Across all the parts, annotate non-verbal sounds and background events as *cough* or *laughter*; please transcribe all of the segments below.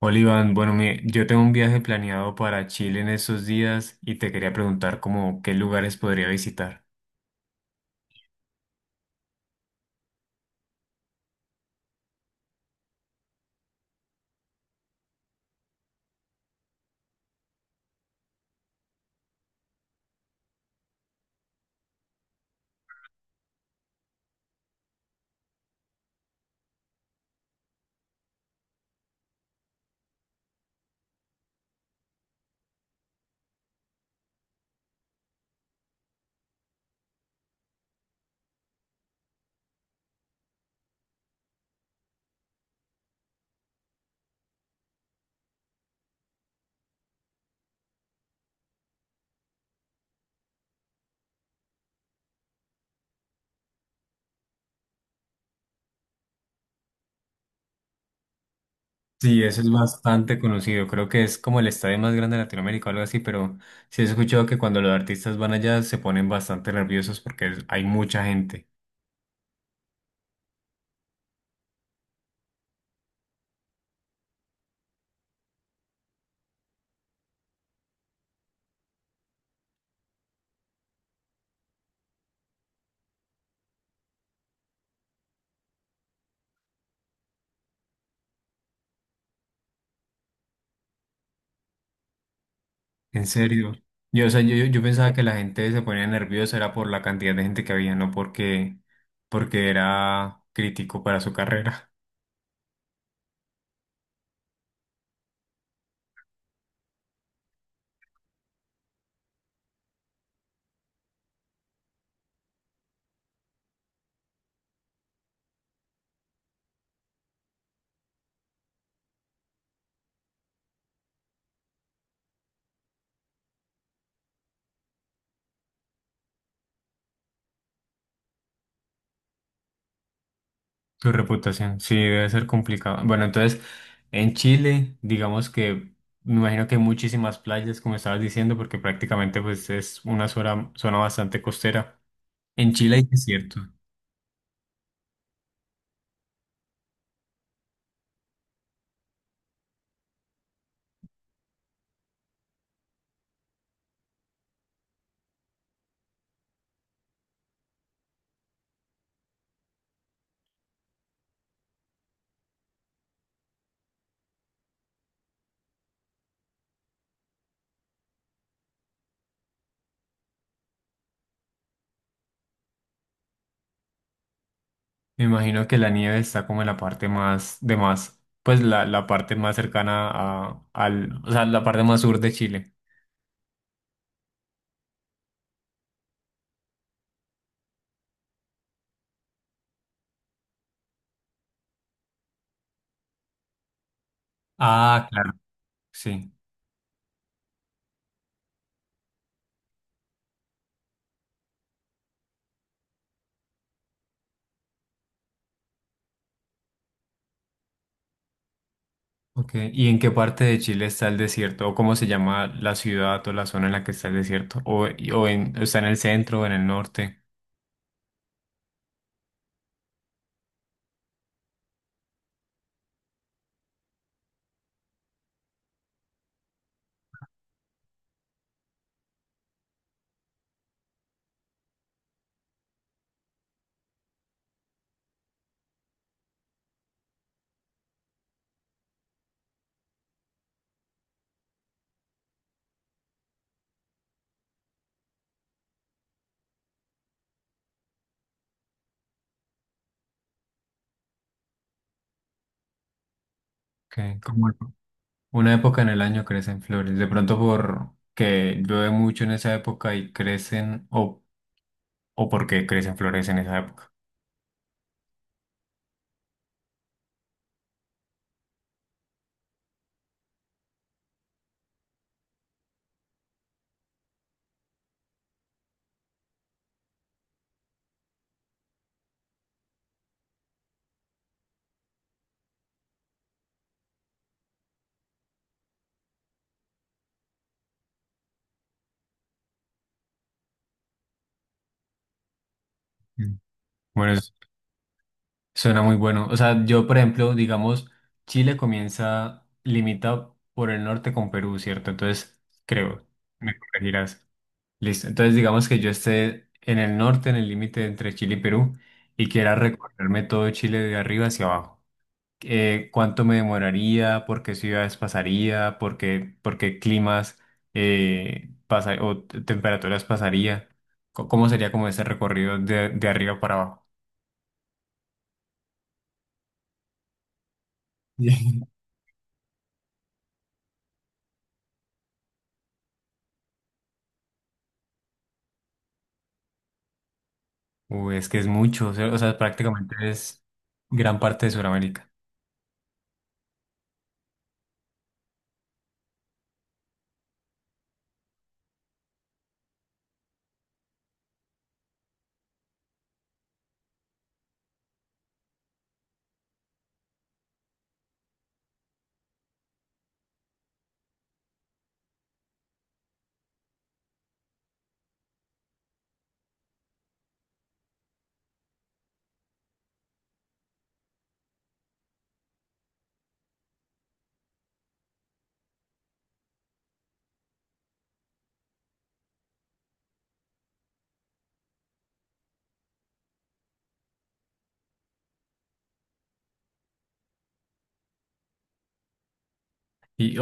Hola, bueno, yo tengo un viaje planeado para Chile en estos días y te quería preguntar como qué lugares podría visitar. Sí, eso es bastante conocido, creo que es como el estadio más grande de Latinoamérica o algo así, pero sí he escuchado que cuando los artistas van allá se ponen bastante nerviosos porque hay mucha gente. En serio. Yo, o sea, yo, yo pensaba que la gente se ponía nerviosa era por la cantidad de gente que había, no porque, porque era crítico para su carrera. Tu reputación, sí, debe ser complicado. Bueno, entonces, en Chile, digamos que me imagino que hay muchísimas playas, como estabas diciendo, porque prácticamente pues es una zona, zona bastante costera. En Chile hay desierto. Me imagino que la nieve está como en la parte más de más, pues la parte más cercana a, al, o sea, la parte más sur de Chile. Ah, claro, sí. Ok, ¿y en qué parte de Chile está el desierto? ¿O cómo se llama la ciudad o la zona en la que está el desierto? ¿O, está en el centro o en el norte? Ok, como una época en el año crecen flores. De pronto porque llueve mucho en esa época y crecen, o porque crecen flores en esa época. Mm. Bueno, suena muy bueno. O sea, yo, por ejemplo, digamos, Chile comienza limitado por el norte con Perú, ¿cierto? Entonces, creo, me corregirás. Listo. Entonces, digamos que yo esté en el norte, en el límite entre Chile y Perú, y quiera recorrerme todo Chile de arriba hacia abajo. Cuánto me demoraría, por qué ciudades pasaría, por qué climas pasa, o temperaturas pasaría, cómo sería como ese recorrido de arriba para abajo. *laughs* Uy, es que es mucho, o sea, prácticamente es gran parte de Sudamérica. Y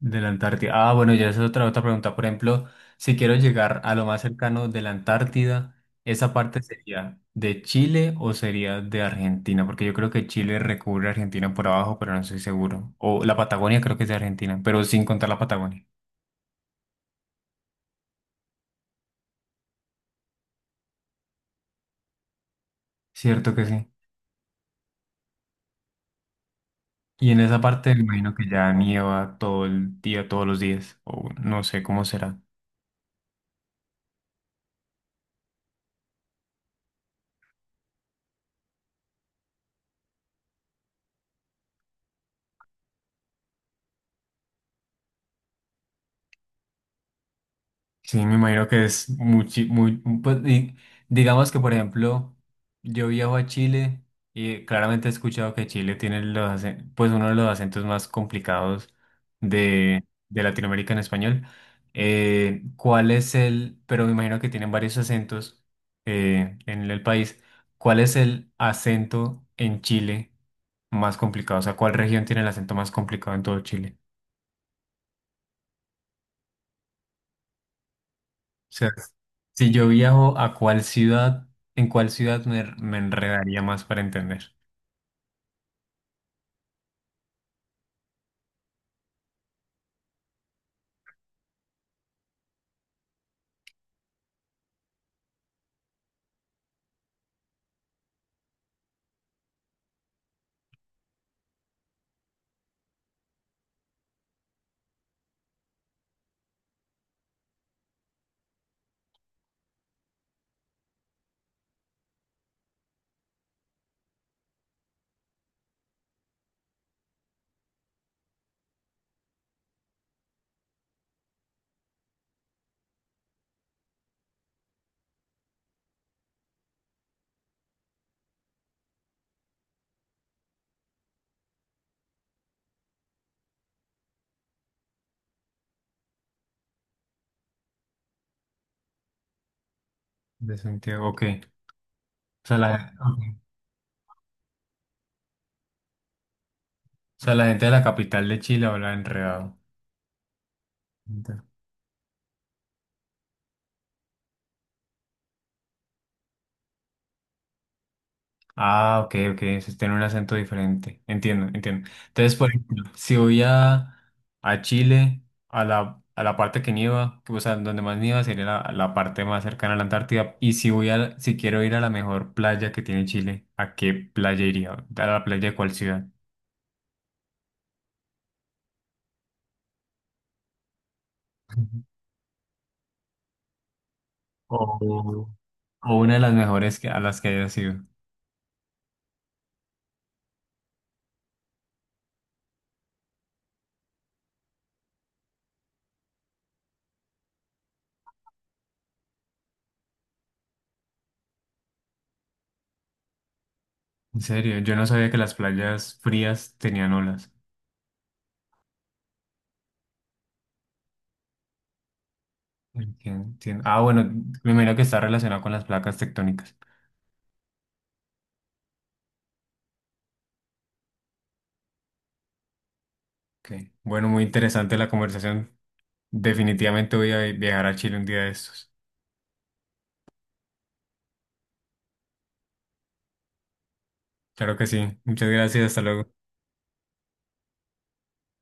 de la Antártida. Ah, bueno, ya esa es otra, otra pregunta. Por ejemplo, si quiero llegar a lo más cercano de la Antártida, ¿esa parte sería de Chile o sería de Argentina? Porque yo creo que Chile recubre a Argentina por abajo, pero no estoy seguro. O la Patagonia creo que es de Argentina, pero sin contar la Patagonia. Cierto que sí. Y en esa parte me imagino que ya nieva todo el día, todos los días, o no sé cómo será. Sí, me imagino que es muy, pues, digamos que por ejemplo, yo viajo a Chile y claramente he escuchado que Chile tiene los, pues uno de los acentos más complicados de, de Latinoamérica en español. ¿Cuál es el, pero me imagino que tienen varios acentos en el país? ¿Cuál es el acento en Chile más complicado? O sea, ¿cuál región tiene el acento más complicado en todo Chile? Sea, si yo viajo a cuál ciudad, en cuál ciudad me, me enredaría más para entender. De Santiago, ok. O sea, la, ok. O sea, la gente de la capital de Chile habla enredado. Entiendo. Ah, ok, ok. Entonces tiene un acento diferente. Entiendo, entiendo. Entonces, por ejemplo, si voy a Chile, a la parte que nieva, o sea, donde más nieva sería la, la parte más cercana a la Antártida. Y si voy a, si quiero ir a la mejor playa que tiene Chile, ¿a qué playa iría? ¿A la playa de cuál ciudad? *laughs* O, o una de las mejores que, a las que haya sido. En serio, yo no sabía que las playas frías tenían olas. Entiendo, entiendo. Ah, bueno, me imagino que está relacionado con las placas tectónicas. Ok. Bueno, muy interesante la conversación. Definitivamente voy a viajar a Chile un día de estos. Claro que sí. Muchas gracias. Hasta luego.